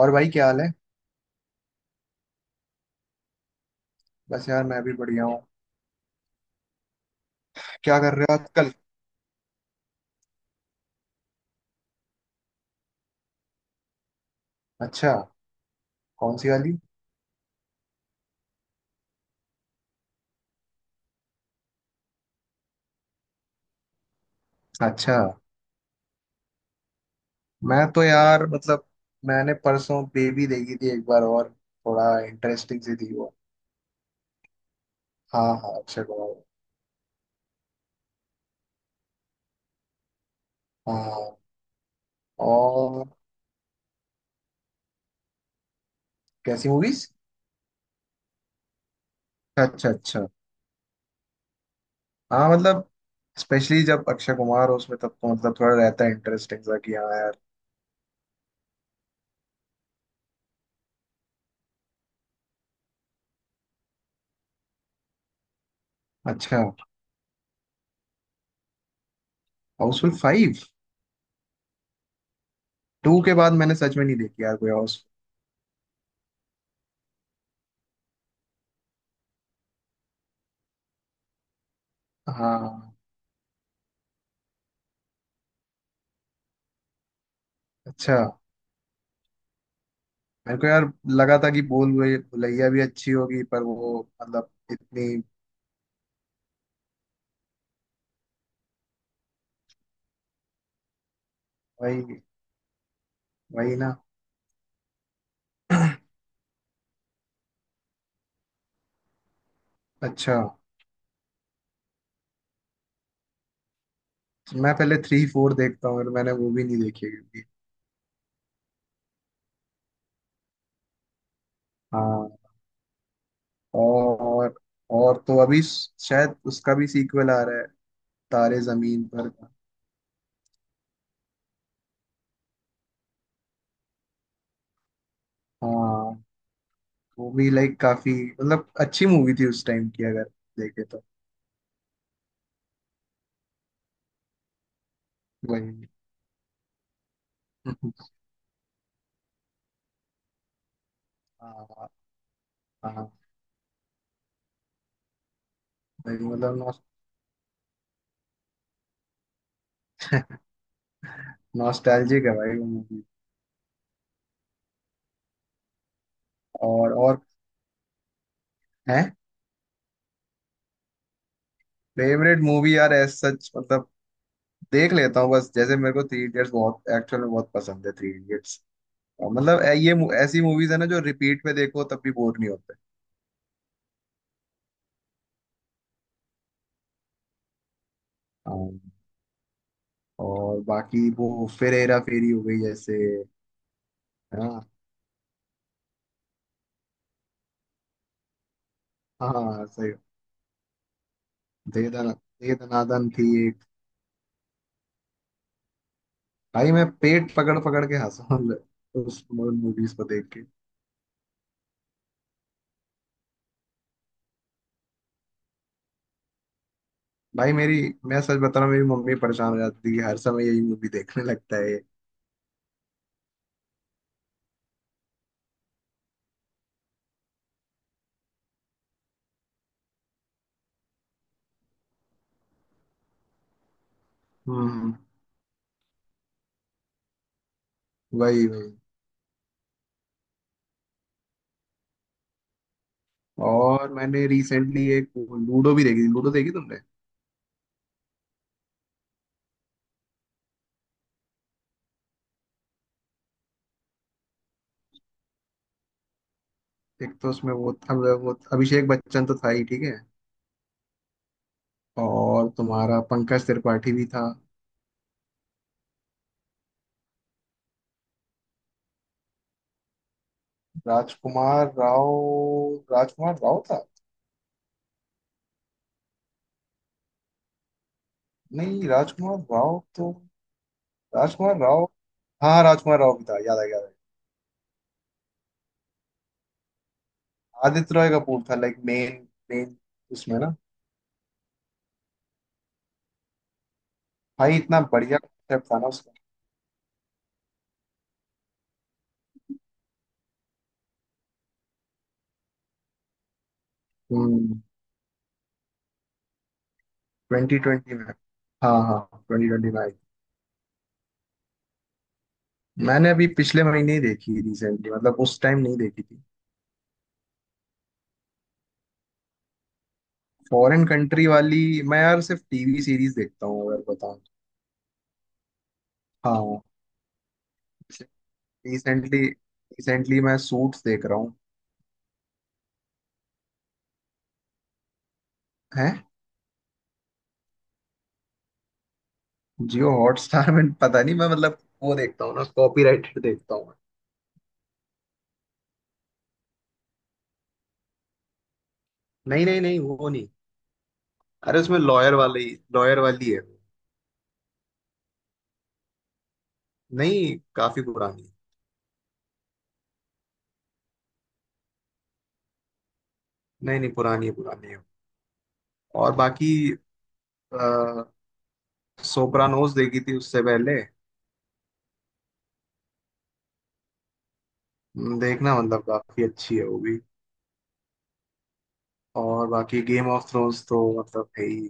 और भाई, क्या हाल है। बस यार, मैं भी बढ़िया हूँ। क्या कर रहे हो आजकल। अच्छा। कौन सी वाली। अच्छा। मैं तो यार मतलब। मैंने परसों बेबी देखी थी एक बार, और थोड़ा इंटरेस्टिंग सी थी वो। हाँ, हाँ, अक्षय कुमार। हाँ। और कैसी मूवीज। अच्छा, अच्छा। हाँ, मतलब। स्पेशली जब अक्षय कुमार हो उसमें, तब तो मतलब थोड़ा रहता है इंटरेस्टिंग सा कि हाँ यार। अच्छा। Housefull five. टू के बाद मैंने सच में नहीं देखी यार कोई हाउस। हाँ। अच्छा। मेरे को यार लगा था कि बोल भुलैया भुलैया भी अच्छी होगी, पर वो मतलब इतनी। वही, वही ना। अच्छा। तो मैं पहले थ्री फोर देखता हूँ, और मैंने वो भी नहीं देखी है क्योंकि। हाँ। और और तो अभी शायद उसका भी सीक्वल आ रहा है। तारे जमीन पर का। हाँ। वो भी लाइक काफी मतलब अच्छी मूवी थी उस टाइम की, अगर देखे तो। वही। हाँ, हाँ। वही मतलब नॉस्ट नॉस्टैल्जिक है भाई वो मूवी। और है। फेवरेट मूवी यार, एज सच मतलब देख लेता हूँ बस। जैसे मेरे को थ्री इडियट्स बहुत एक्चुअल में बहुत पसंद है, थ्री इडियट्स। मतलब ये ऐसी मूवीज है ना, जो रिपीट पे देखो तब भी बोर नहीं होते। हाँ। और बाकी वो, फिर हेरा फेरी हो गई जैसे। हाँ हाँ, सही। दे दना दे दनादन थी एक। भाई मैं पेट पकड़ पकड़ के हंसा हूं उस मूवीज को देख के। भाई मेरी, मैं सच बता रहा हूँ, मेरी मम्मी परेशान हो जाती है कि हर समय यही मूवी देखने लगता है। हम्म। वही, वही। और मैंने रिसेंटली एक लूडो भी देखी थी। लूडो देखी तुमने? एक तो उसमें वो अब वो अभिषेक बच्चन तो था ही, ठीक है। और तुम्हारा पंकज त्रिपाठी भी था। राजकुमार राव। राजकुमार राव था। नहीं, राजकुमार राव तो। राजकुमार राव। हाँ, राजकुमार राव भी था, याद आ गया। याद आ गया। आदित्य रॉय कपूर था, लाइक मेन मेन उसमें ना। भाई इतना बढ़िया कॉन्सेप्ट था ना उसका। हम्म। 2020 में। हाँ, हाँ, 2020 में। मैंने अभी पिछले महीने ही देखी रिसेंटली, मतलब उस टाइम नहीं देखी थी। फॉरेन कंट्री वाली। मैं यार सिर्फ टीवी सीरीज देखता हूँ, अगर बताऊँ तो। हाँ। रिसेंटली रिसेंटली मैं सूट्स देख रहा हूँ। हैं। जियो हॉटस्टार में पता नहीं, मैं मतलब वो देखता हूँ ना, कॉपीराइटेड देखता हूँ। नहीं, नहीं, नहीं, वो नहीं। अरे, उसमें लॉयर वाली। लॉयर वाली है वो। नहीं, काफी पुरानी है। नहीं, नहीं, पुरानी है, पुरानी है। और बाकी। सोप्रानोज देखी थी उससे पहले। देखना मतलब काफी अच्छी है वो भी। और बाकी गेम ऑफ थ्रोन्स तो मतलब है ही।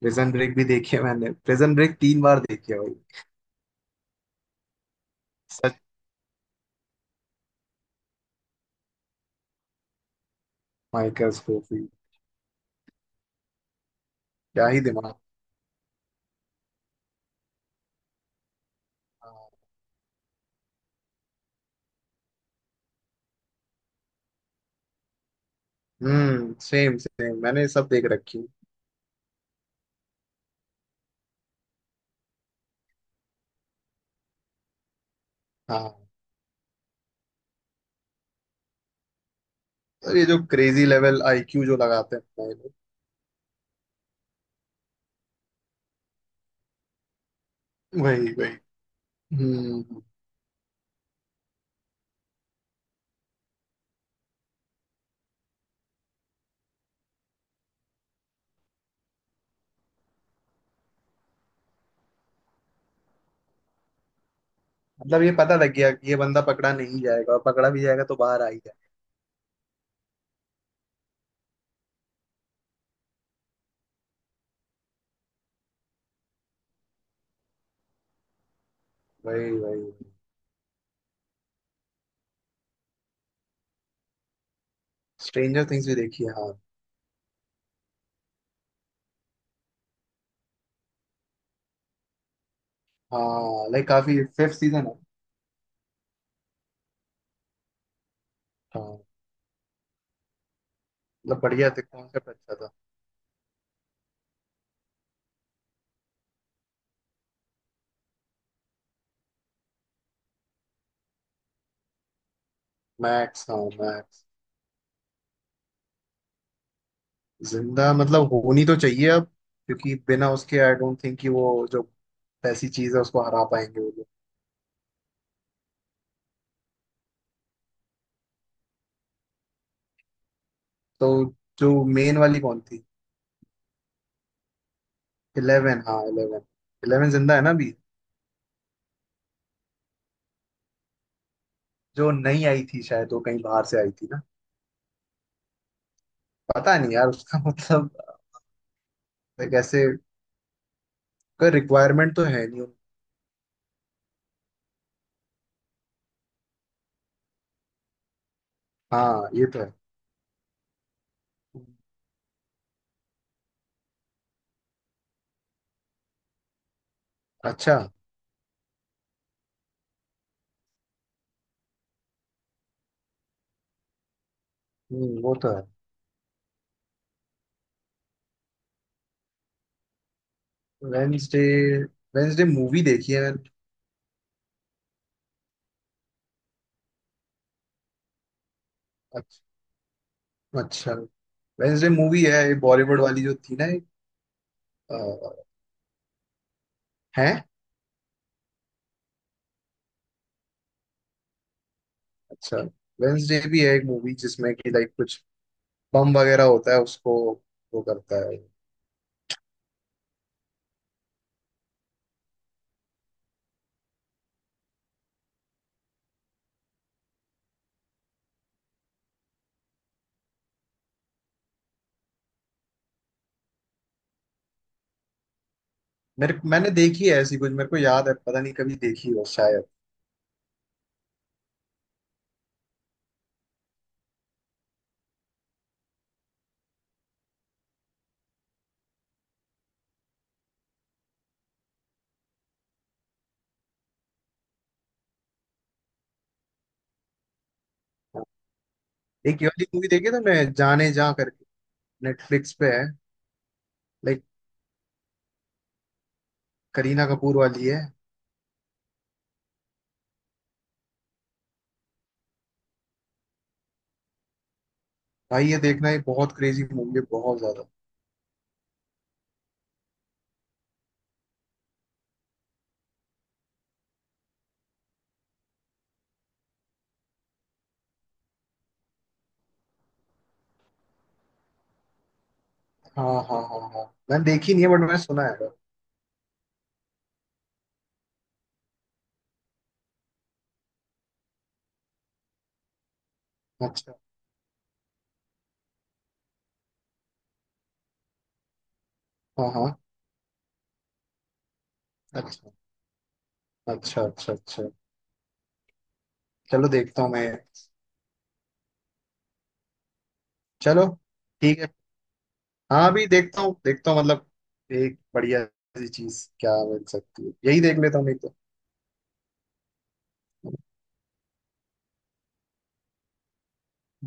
प्रिजन ब्रेक भी देखी है मैंने। प्रिजन ब्रेक तीन बार देखी है भाई। सच। Michael Scofield. क्या ही दिमाग। हाँ। हम्म, सेम सेम मैंने सब देख रखी है। हाँ। तो ये जो क्रेजी लेवल आईक्यू जो लगाते हैं भाई लोग। वही, वही। हम्म। मतलब ये पता लग गया कि ये बंदा पकड़ा नहीं जाएगा, और पकड़ा भी जाएगा तो बाहर आ ही जाएगा। वही, वही। स्ट्रेंजर थिंग्स भी देखी है, हाँ। हाँ, लाइक काफी फिफ्थ सीजन है। हाँ, मतलब बढ़िया थे, कॉन्सेप्ट अच्छा था। मैक्स, हाँ मैक्स। जिंदा मतलब होनी तो चाहिए अब। क्योंकि बिना उसके आई डोंट थिंक कि वो जो ऐसी चीज है उसको हरा पाएंगे वो लोग। तो जो मेन वाली कौन थी? इलेवन, हाँ इलेवन। इलेवन जिंदा है ना अभी। जो नई आई थी शायद, वो कहीं बाहर से आई थी ना। पता नहीं यार उसका मतलब like ऐसे, कोई रिक्वायरमेंट तो है नहीं। हाँ, ये तो है। अच्छा। वो तो है। वेंसडे। वेंसडे मूवी देखी है मैंने। अच्छा, अच्छा। वेंसडे मूवी है ये बॉलीवुड वाली जो थी ना। आ, है। अच्छा। वेंसडे भी है एक मूवी, जिसमें कि लाइक कुछ बम वगैरह होता है उसको वो करता है। मेरे मैंने देखी है ऐसी कुछ, मेरे को याद है पता नहीं कभी देखी हो शायद। हाँ। एक ये वाली मूवी देखी तुमने, जाने जा करके। नेटफ्लिक्स पे है। लाइक करीना कपूर वाली है। भाई ये देखना, ये बहुत क्रेजी मूवी है बहुत ज्यादा। हाँ, हाँ, हाँ, हाँ। मैंने देखी नहीं है, बट मैंने सुना है। अच्छा। हाँ, हाँ। अच्छा, अच्छा, अच्छा। अच्छा, चलो देखता हूँ मैं। चलो। ठीक है। हाँ भी देखता हूँ मतलब। एक बढ़िया सी चीज क्या बन सकती है, यही देख लेता हूँ नहीं तो।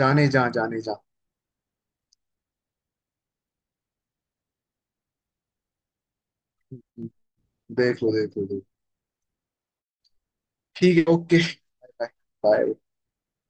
जाने जा, जाने जा। देख लो, देख लो, देख लो। ठीक है, ओके। बाय। बाय।